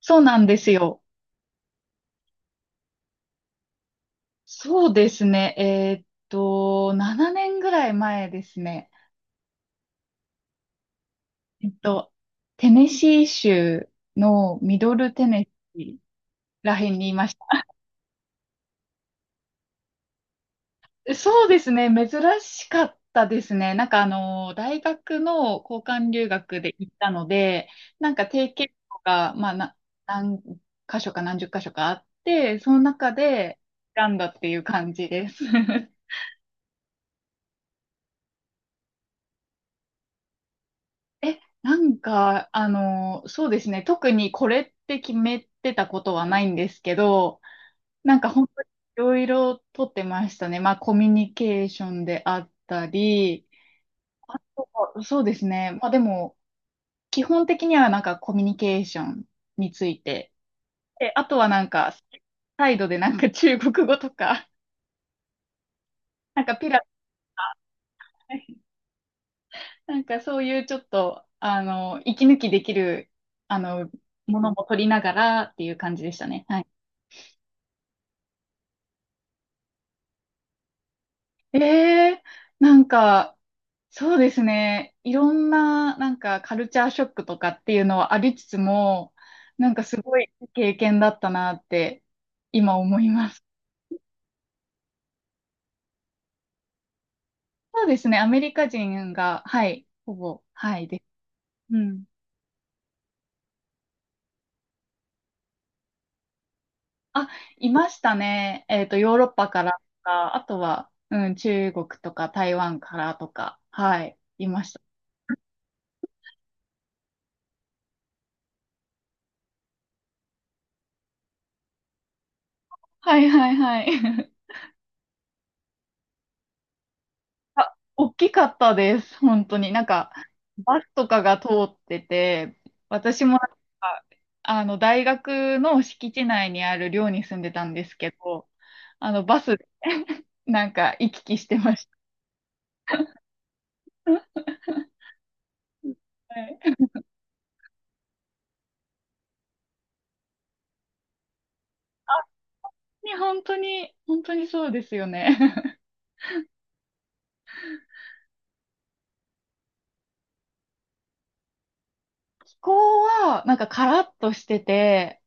そうなんですよ。そうですね。7年ぐらい前ですね。えっと、テネシー州のミドルテネシーらへんにいました。そうですね。珍しかったですね。大学の交換留学で行ったので、なんか定期とか、まあ、な、何箇所か何十箇所かあって、その中で選んだっていう感じです。え、なんか、あの、そうですね。特にこれって決めてたことはないんですけど、なんか本当にいろいろとってましたね。まあコミュニケーションであったり、あとは、そうですね。まあでも、基本的にはなんかコミュニケーションについて。で、あとはなんか、サイドでなんか中国語とか、なんかピラ、なんかそういうちょっと、息抜きできる、あの、ものも取りながらっていう感じでしたね。はい。ええ、なんか、そうですね。いろんな、なんか、カルチャーショックとかっていうのはありつつも、なんかすごい経験だったなって、今思います。そうですね。アメリカ人が、はい、ほぼ、はい、です。うん。あ、いましたね。ヨーロッパからとか、あとは、うん、中国とか台湾からとか、はい、いました。はいはいはい。あ、大きかったです。本当に。なんか、バスとかが通ってて、私もか、大学の敷地内にある寮に住んでたんですけど、バスで なんか行き来してました。はい。に本当に、本当にそうですよね。気候は、なんかカラッとしてて、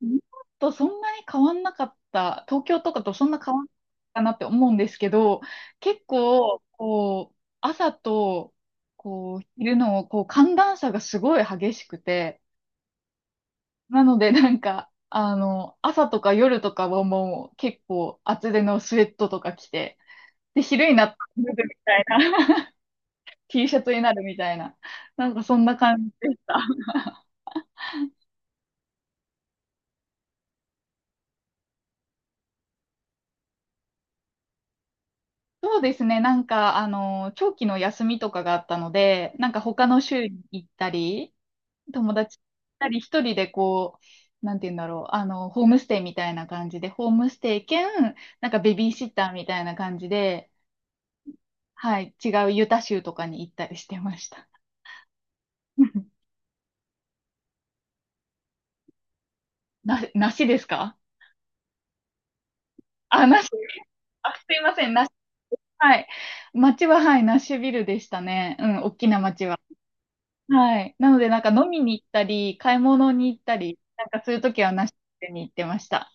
日本とそんなに変わんなかった、東京とかとそんな変わんなかったなって思うんですけど、結構、こう、朝と、こう、昼の、こう、寒暖差がすごい激しくて、なので、なんか、朝とか夜とかはもう結構厚手のスウェットとか着て、で、昼になったら脱ぐみたいな、T シャツになるみたいな、なんかそんな感じでした。そうですね。なんか、長期の休みとかがあったので、なんか他の州に行ったり、友達と行ったり、一人でこう、なんて言うんだろう、ホームステイみたいな感じで、ホームステイ兼、なんかベビーシッターみたいな感じで、はい、違うユタ州とかに行ったりしてました。な、梨ですか？あ、梨。あ、すいません、梨。はい。町は、はい、ナッシュビルでしたね。うん、大きな町は。はい。なので、なんか飲みに行ったり、買い物に行ったり、なんかそういう時はなしに行ってました。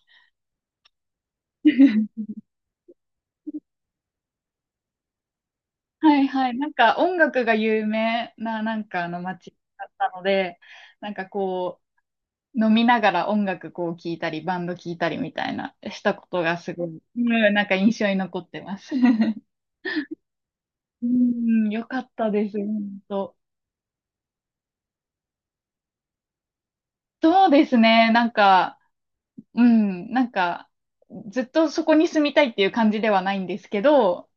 はいはい。なんか音楽が有名な、なんかあの街だったので、なんかこう、飲みながら音楽こう聴いたり、バンド聴いたりみたいな、したことがすごい、うん、なんか印象に残ってます。うん、よかったです、本当。そうですね、なんか、うん、なんか、ずっとそこに住みたいっていう感じではないんですけど、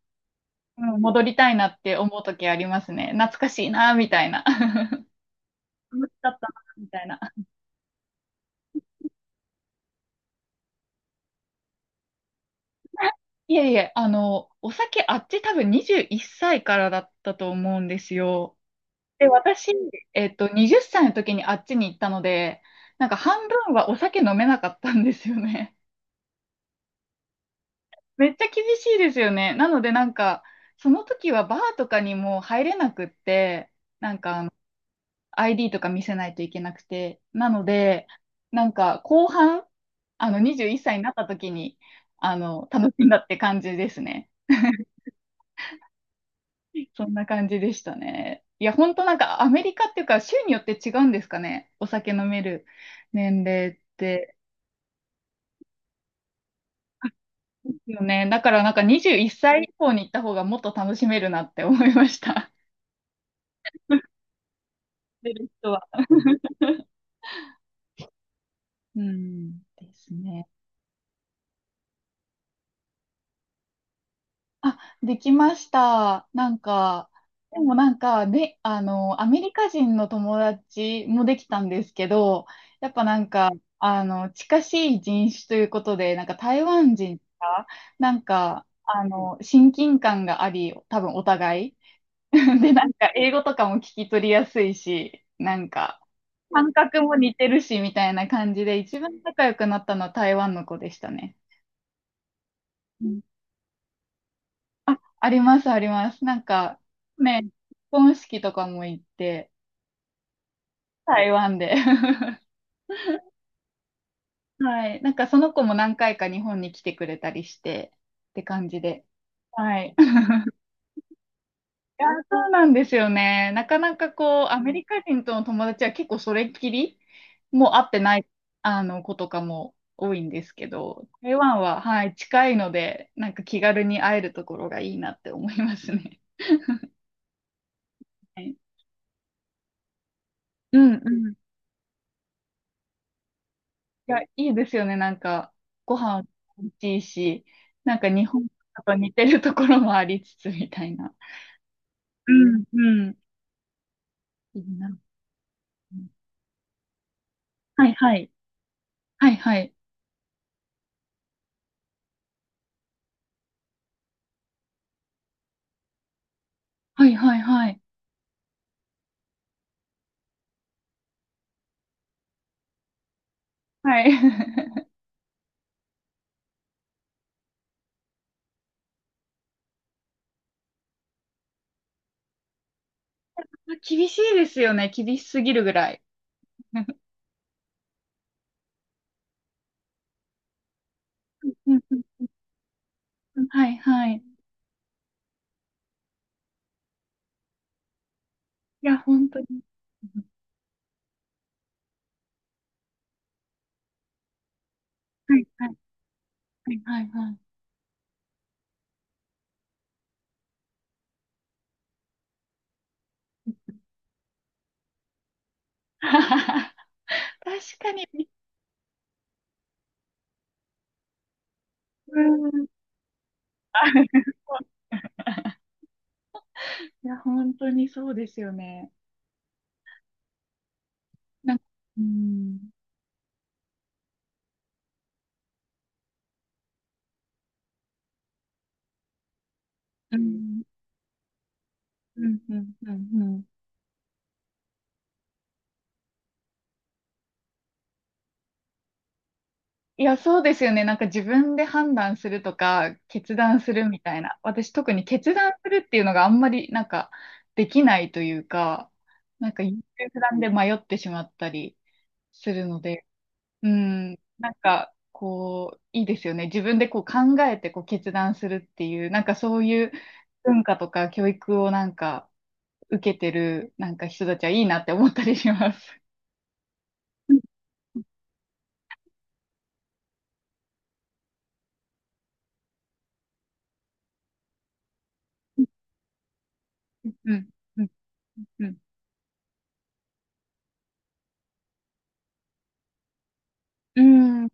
うん、戻りたいなって思う時ありますね。懐かしいな、みたいな。楽しかったな、みたいな。いえいえ、お酒あっち多分21歳からだったと思うんですよ。で、私、20歳の時にあっちに行ったので、なんか半分はお酒飲めなかったんですよね。めっちゃ厳しいですよね。なのでなんか、その時はバーとかにも入れなくって、ID とか見せないといけなくて。なので、なんか後半、あの21歳になった時に、あの、楽しんだって感じですね。そんな感じでしたね。いや、ほんとなんかアメリカっていうか州によって違うんですかね。お酒飲める年齢って。ですよね。だからなんか21歳以降に行った方がもっと楽しめるなって思いました。出る人は。うん、ですね。あ、できました。なんか、でもなんか、ね、アメリカ人の友達もできたんですけど、やっぱなんか、近しい人種ということで、なんか台湾人が、なんか、親近感があり、多分お互い。で、なんか、英語とかも聞き取りやすいし、なんか、感覚も似てるし、みたいな感じで、一番仲良くなったのは台湾の子でしたね。あります、あります。なんか、ね、結婚式とかも行って、台湾で。はい。なんかその子も何回か日本に来てくれたりして、って感じで。はい。いや、そうなんですよね。なかなかこう、アメリカ人との友達は結構それっきり、もう会ってない、あの、子とかも多いんですけど、台湾は、はい、近いので、なんか気軽に会えるところがいいなって思いますね。はい。うんうん。いや、いいですよね。なんか、ご飯美味しいし、なんか日本と似てるところもありつつみたいな。うん、うん。いいな。はい、はい。はい、はい。はい、はい、はい。はい。厳しいですよね。厳しすぎるぐらい。うんうんうんはい、はい。いや、本当に。はい、はい、はい、はい。はい 確かに。うん。いや、本当にそうですよね。なんか、うん。うん、うん、うん、うん。うん。いや、そうですよね。なんか自分で判断するとか、決断するみたいな。私特に決断するっていうのがあんまりなんかできないというか、なんか優柔不断で迷ってしまったりするので、うん、なんかこう、いいですよね。自分でこう考えてこう決断するっていう、なんかそういう文化とか教育をなんか受けてるなんか人たちはいいなって思ったりします。うん、うん、うん。うん。あ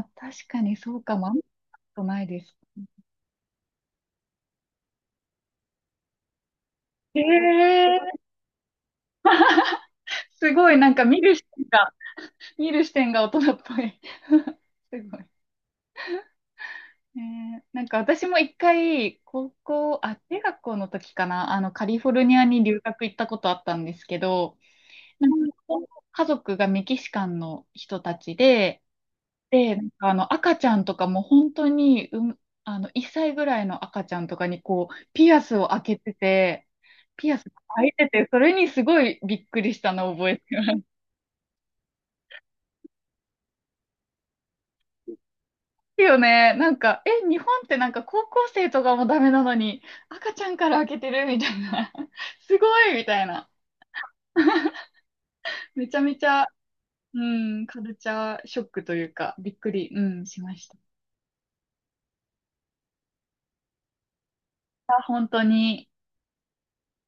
あ、確かにそうかも。あんまりことないです。ええ。すごい、なんか見る視点が、見る視点が大人っぽい。すごい。ええ、なんか私も一回、高校、あ、中学校の時かな、カリフォルニアに留学行ったことあったんですけど、家族がメキシカンの人たちで、で、なんかあの赤ちゃんとかも本当に、うん、あの1歳ぐらいの赤ちゃんとかにこうピアスを開けてて、ピアスが開いてて、それにすごいびっくりしたのを覚えてるよね。なんか、え、日本ってなんか高校生とかもダメなのに、赤ちゃんから開けてるみたいな。すごいみたいな。めちゃめちゃ、うん、カルチャーショックというか、びっくり、うん、しました。本当に。